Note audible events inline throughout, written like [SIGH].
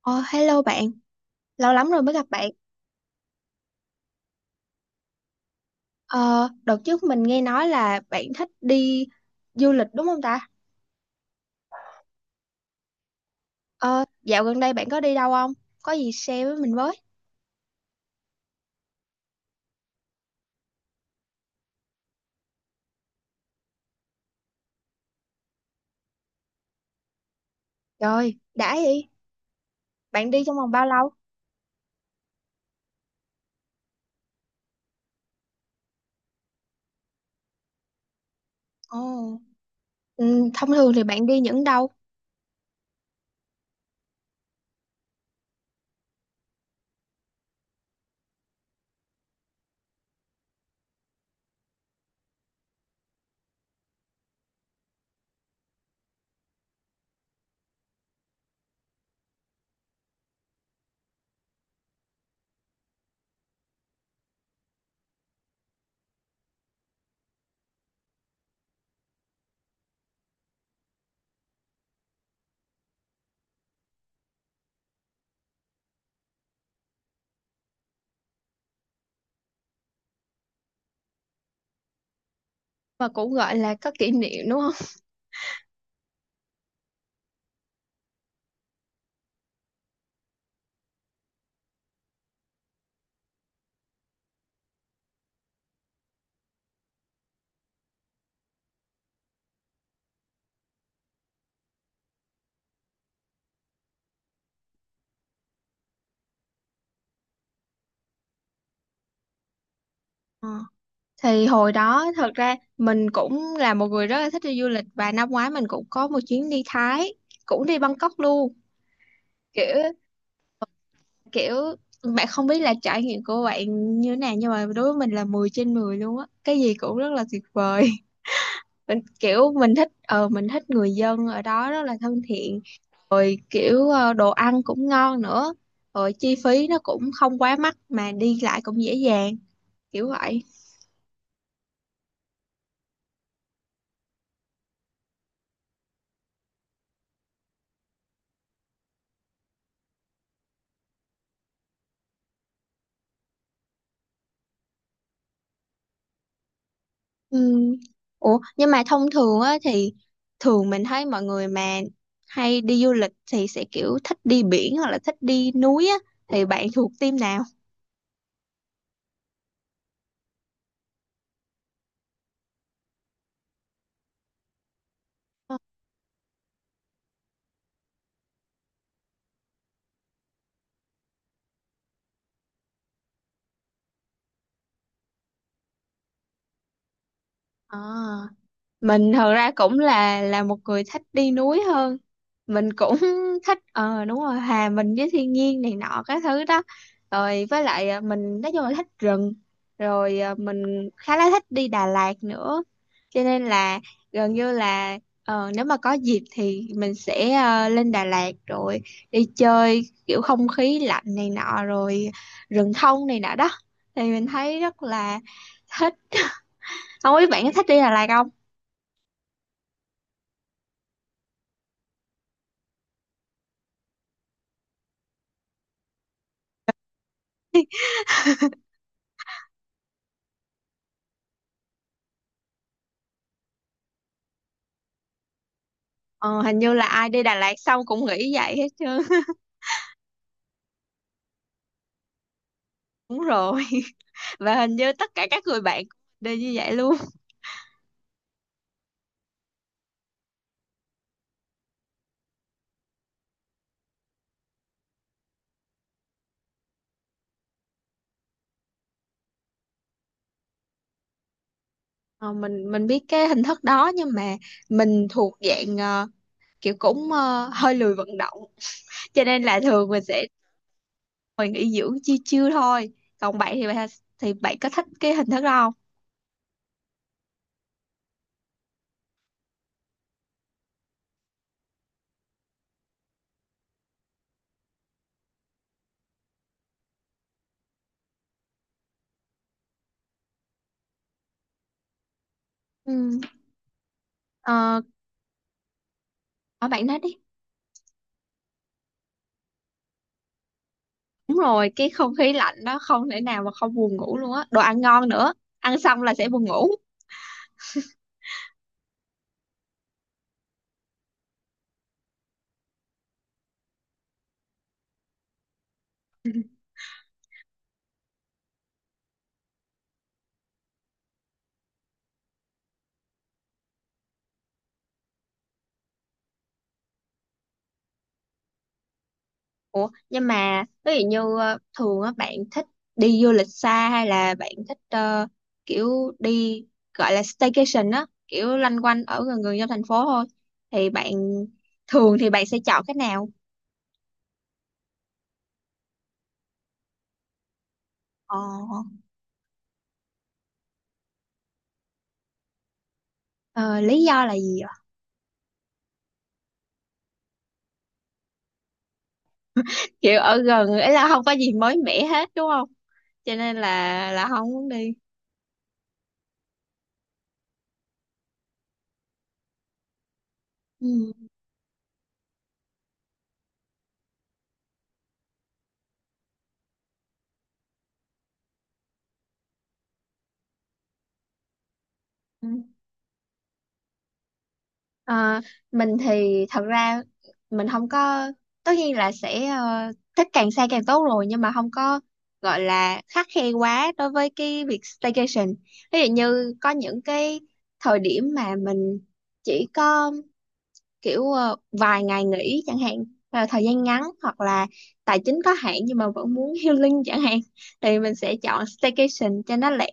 Ờ, Hello bạn, lâu lắm rồi mới gặp bạn. Ờ, Đợt trước mình nghe nói là bạn thích đi du lịch đúng không ta? Ờ, Dạo gần đây bạn có đi đâu không? Có gì share với mình với. Rồi, đã vậy. Bạn đi trong vòng bao lâu? Ồ, ừ, thông thường thì bạn đi những đâu mà cũng gọi là có kỷ niệm đúng không? Ờ. Thì hồi đó thật ra mình cũng là một người rất là thích đi du lịch và năm ngoái mình cũng có một chuyến đi Thái, cũng đi Bangkok luôn. Kiểu kiểu bạn không biết là trải nghiệm của bạn như thế nào nhưng mà đối với mình là 10 trên 10 luôn á, cái gì cũng rất là tuyệt vời. [LAUGHS] Mình kiểu mình thích người dân ở đó rất là thân thiện, rồi kiểu đồ ăn cũng ngon nữa, rồi chi phí nó cũng không quá mắc mà đi lại cũng dễ dàng, kiểu vậy. Ừ. Ủa nhưng mà thông thường á thì thường mình thấy mọi người mà hay đi du lịch thì sẽ kiểu thích đi biển hoặc là thích đi núi á, thì bạn thuộc team nào? À, mình thật ra cũng là một người thích đi núi hơn. Mình cũng [LAUGHS] thích ờ đúng rồi, hòa mình với thiên nhiên này nọ các thứ đó, rồi với lại mình nói chung là thích rừng, rồi mình khá là thích đi Đà Lạt nữa, cho nên là gần như là nếu mà có dịp thì mình sẽ lên Đà Lạt rồi đi chơi kiểu không khí lạnh này nọ, rồi rừng thông này nọ đó, thì mình thấy rất là thích. [LAUGHS] Không biết bạn có thích đi Đà Lạt không. Ờ, hình như là ai đi Đà Lạt xong cũng nghĩ vậy hết trơn. [LAUGHS] Đúng rồi. [LAUGHS] Và hình như tất cả các người bạn cũng đều như vậy luôn. Ờ, mình biết cái hình thức đó nhưng mà mình thuộc dạng kiểu cũng hơi lười vận động. [LAUGHS] Cho nên là thường mình sẽ ngồi nghỉ dưỡng chiêu chiêu thôi, còn bạn thì bạn có thích cái hình thức đó không. Ừ. Ờ, ở bạn nói đi. Đúng rồi, cái không khí lạnh đó không thể nào mà không buồn ngủ luôn á, đồ ăn ngon nữa, ăn xong là sẽ buồn ngủ. Ủa, nhưng mà ví dụ như thường á bạn thích đi du lịch xa hay là bạn thích kiểu đi gọi là staycation á, kiểu loanh quanh ở gần gần trong thành phố thôi, thì bạn thường thì bạn sẽ chọn cái nào? Ờ, ờ, lý do là gì ạ? Kiểu ở gần ấy là không có gì mới mẻ hết đúng không? Cho nên là không muốn đi. Ừ. Ờ, mình thì thật ra mình không có, tất nhiên là sẽ thích càng xa càng tốt rồi nhưng mà không có gọi là khắt khe quá đối với cái việc staycation. Ví dụ như có những cái thời điểm mà mình chỉ có kiểu vài ngày nghỉ chẳng hạn, là thời gian ngắn hoặc là tài chính có hạn nhưng mà vẫn muốn [LAUGHS] healing chẳng hạn, thì mình sẽ chọn staycation cho nó lẻ,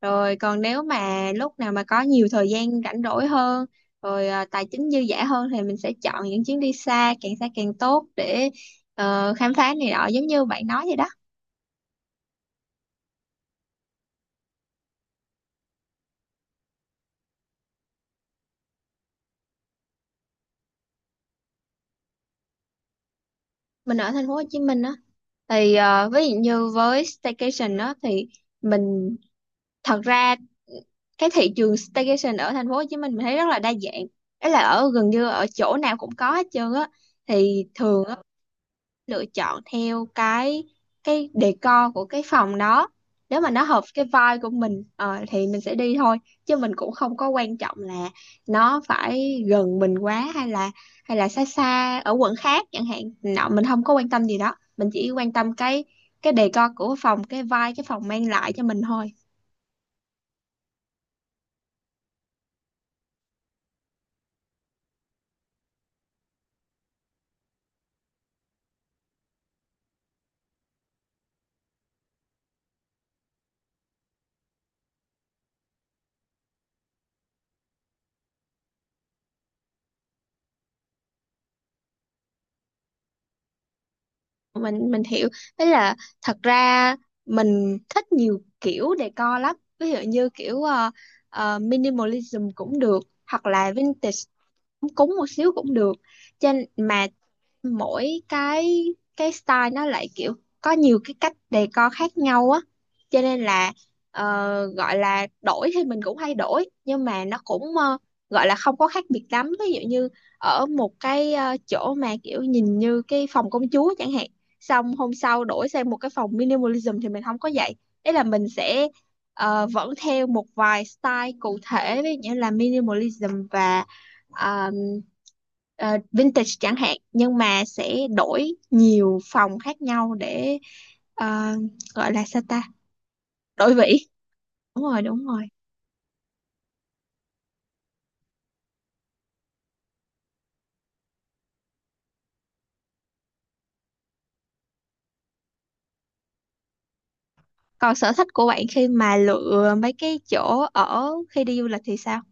rồi còn nếu mà lúc nào mà có nhiều thời gian rảnh rỗi hơn rồi tài chính dư dả hơn thì mình sẽ chọn những chuyến đi xa càng tốt để khám phá này nọ giống như bạn nói vậy đó. Mình ở thành phố Hồ Chí Minh á, thì ví dụ như với staycation á thì mình thật ra cái thị trường staycation ở thành phố Hồ Chí Minh mình thấy rất là đa dạng, ấy là ở gần như ở chỗ nào cũng có hết trơn á, thì thường á, lựa chọn theo cái decor của cái phòng đó, nếu mà nó hợp cái vibe của mình thì mình sẽ đi thôi, chứ mình cũng không có quan trọng là nó phải gần mình quá hay là xa xa ở quận khác chẳng hạn nọ, mình không có quan tâm gì đó, mình chỉ quan tâm cái decor của phòng, cái vibe cái phòng mang lại cho mình thôi. Mình hiểu, đấy là thật ra mình thích nhiều kiểu decor lắm, ví dụ như kiểu minimalism cũng được, hoặc là vintage cũng một xíu cũng được trên mà, mỗi cái style nó lại kiểu có nhiều cái cách decor khác nhau á, cho nên là gọi là đổi thì mình cũng hay đổi nhưng mà nó cũng gọi là không có khác biệt lắm, ví dụ như ở một cái chỗ mà kiểu nhìn như cái phòng công chúa chẳng hạn, xong hôm sau đổi sang một cái phòng minimalism thì mình không có vậy, đấy là mình sẽ vẫn theo một vài style cụ thể ví dụ như là minimalism và ờ, vintage chẳng hạn, nhưng mà sẽ đổi nhiều phòng khác nhau để ờ, gọi là sao ta, đổi vị. Đúng rồi, đúng rồi. Còn sở thích của bạn khi mà lựa mấy cái chỗ ở khi đi du lịch thì sao.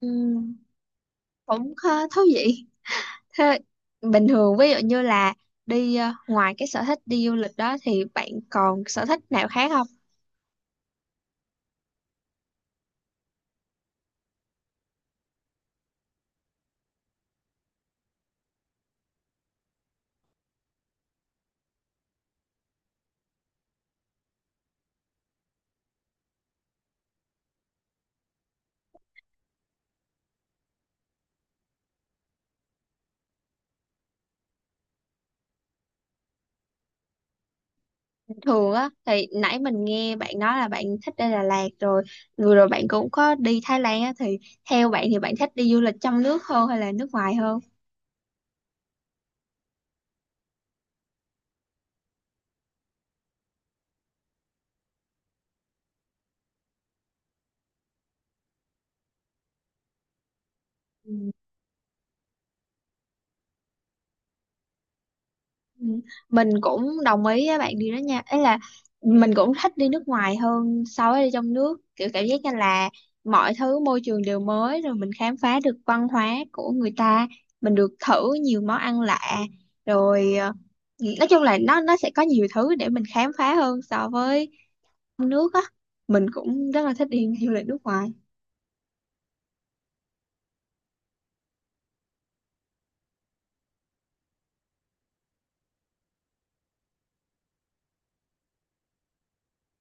Ừm, cũng khá thú vị. Thế bình thường ví dụ như là đi ngoài cái sở thích đi du lịch đó thì bạn còn sở thích nào khác không. Thường á thì nãy mình nghe bạn nói là bạn thích đi Đà Lạt rồi, vừa rồi bạn cũng có đi Thái Lan á, thì theo bạn thì bạn thích đi du lịch trong nước hơn hay là nước ngoài hơn. Ừ, mình cũng đồng ý với bạn điều đó nha, ấy là mình cũng thích đi nước ngoài hơn so với đi trong nước, kiểu cảm giác như là mọi thứ môi trường đều mới, rồi mình khám phá được văn hóa của người ta, mình được thử nhiều món ăn lạ, rồi nói chung là nó sẽ có nhiều thứ để mình khám phá hơn so với trong nước á. Mình cũng rất là thích đi du lịch nước ngoài.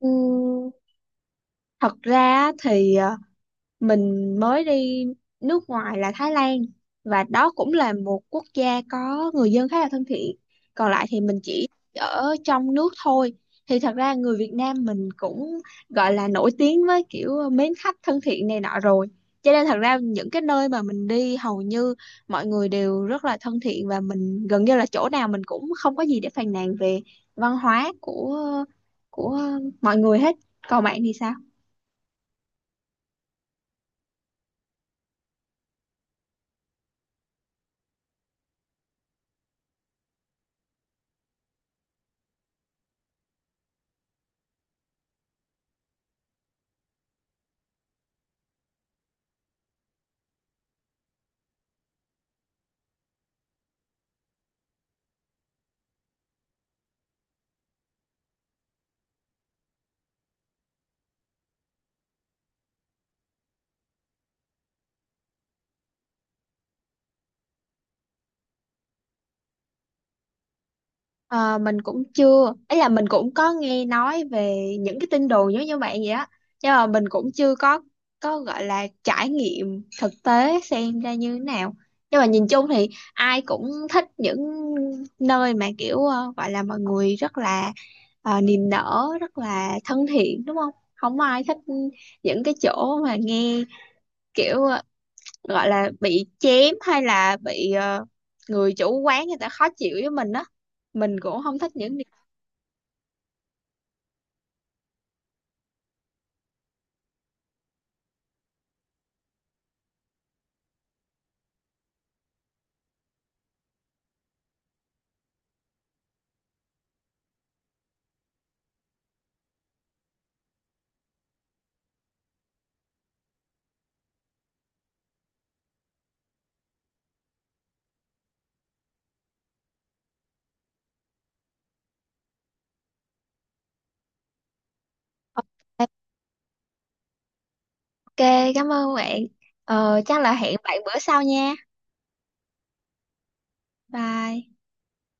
Ừm, thật ra thì mình mới đi nước ngoài là Thái Lan, và đó cũng là một quốc gia có người dân khá là thân thiện, còn lại thì mình chỉ ở trong nước thôi, thì thật ra người Việt Nam mình cũng gọi là nổi tiếng với kiểu mến khách thân thiện này nọ rồi, cho nên thật ra những cái nơi mà mình đi hầu như mọi người đều rất là thân thiện và mình gần như là chỗ nào mình cũng không có gì để phàn nàn về văn hóa của mọi người hết. Còn bạn thì sao. Ờ, mình cũng chưa, ấy là mình cũng có nghe nói về những cái tin đồn giống như bạn vậy á, nhưng mà mình cũng chưa có có gọi là trải nghiệm thực tế xem ra như thế nào, nhưng mà nhìn chung thì ai cũng thích những nơi mà kiểu gọi là mọi người rất là niềm nở rất là thân thiện đúng không, không ai thích những cái chỗ mà nghe kiểu gọi là bị chém hay là bị người chủ quán người ta khó chịu với mình á, mình cũng không thích những. Ok, cảm ơn bạn. Ờ, chắc là hẹn bạn bữa sau nha. Bye.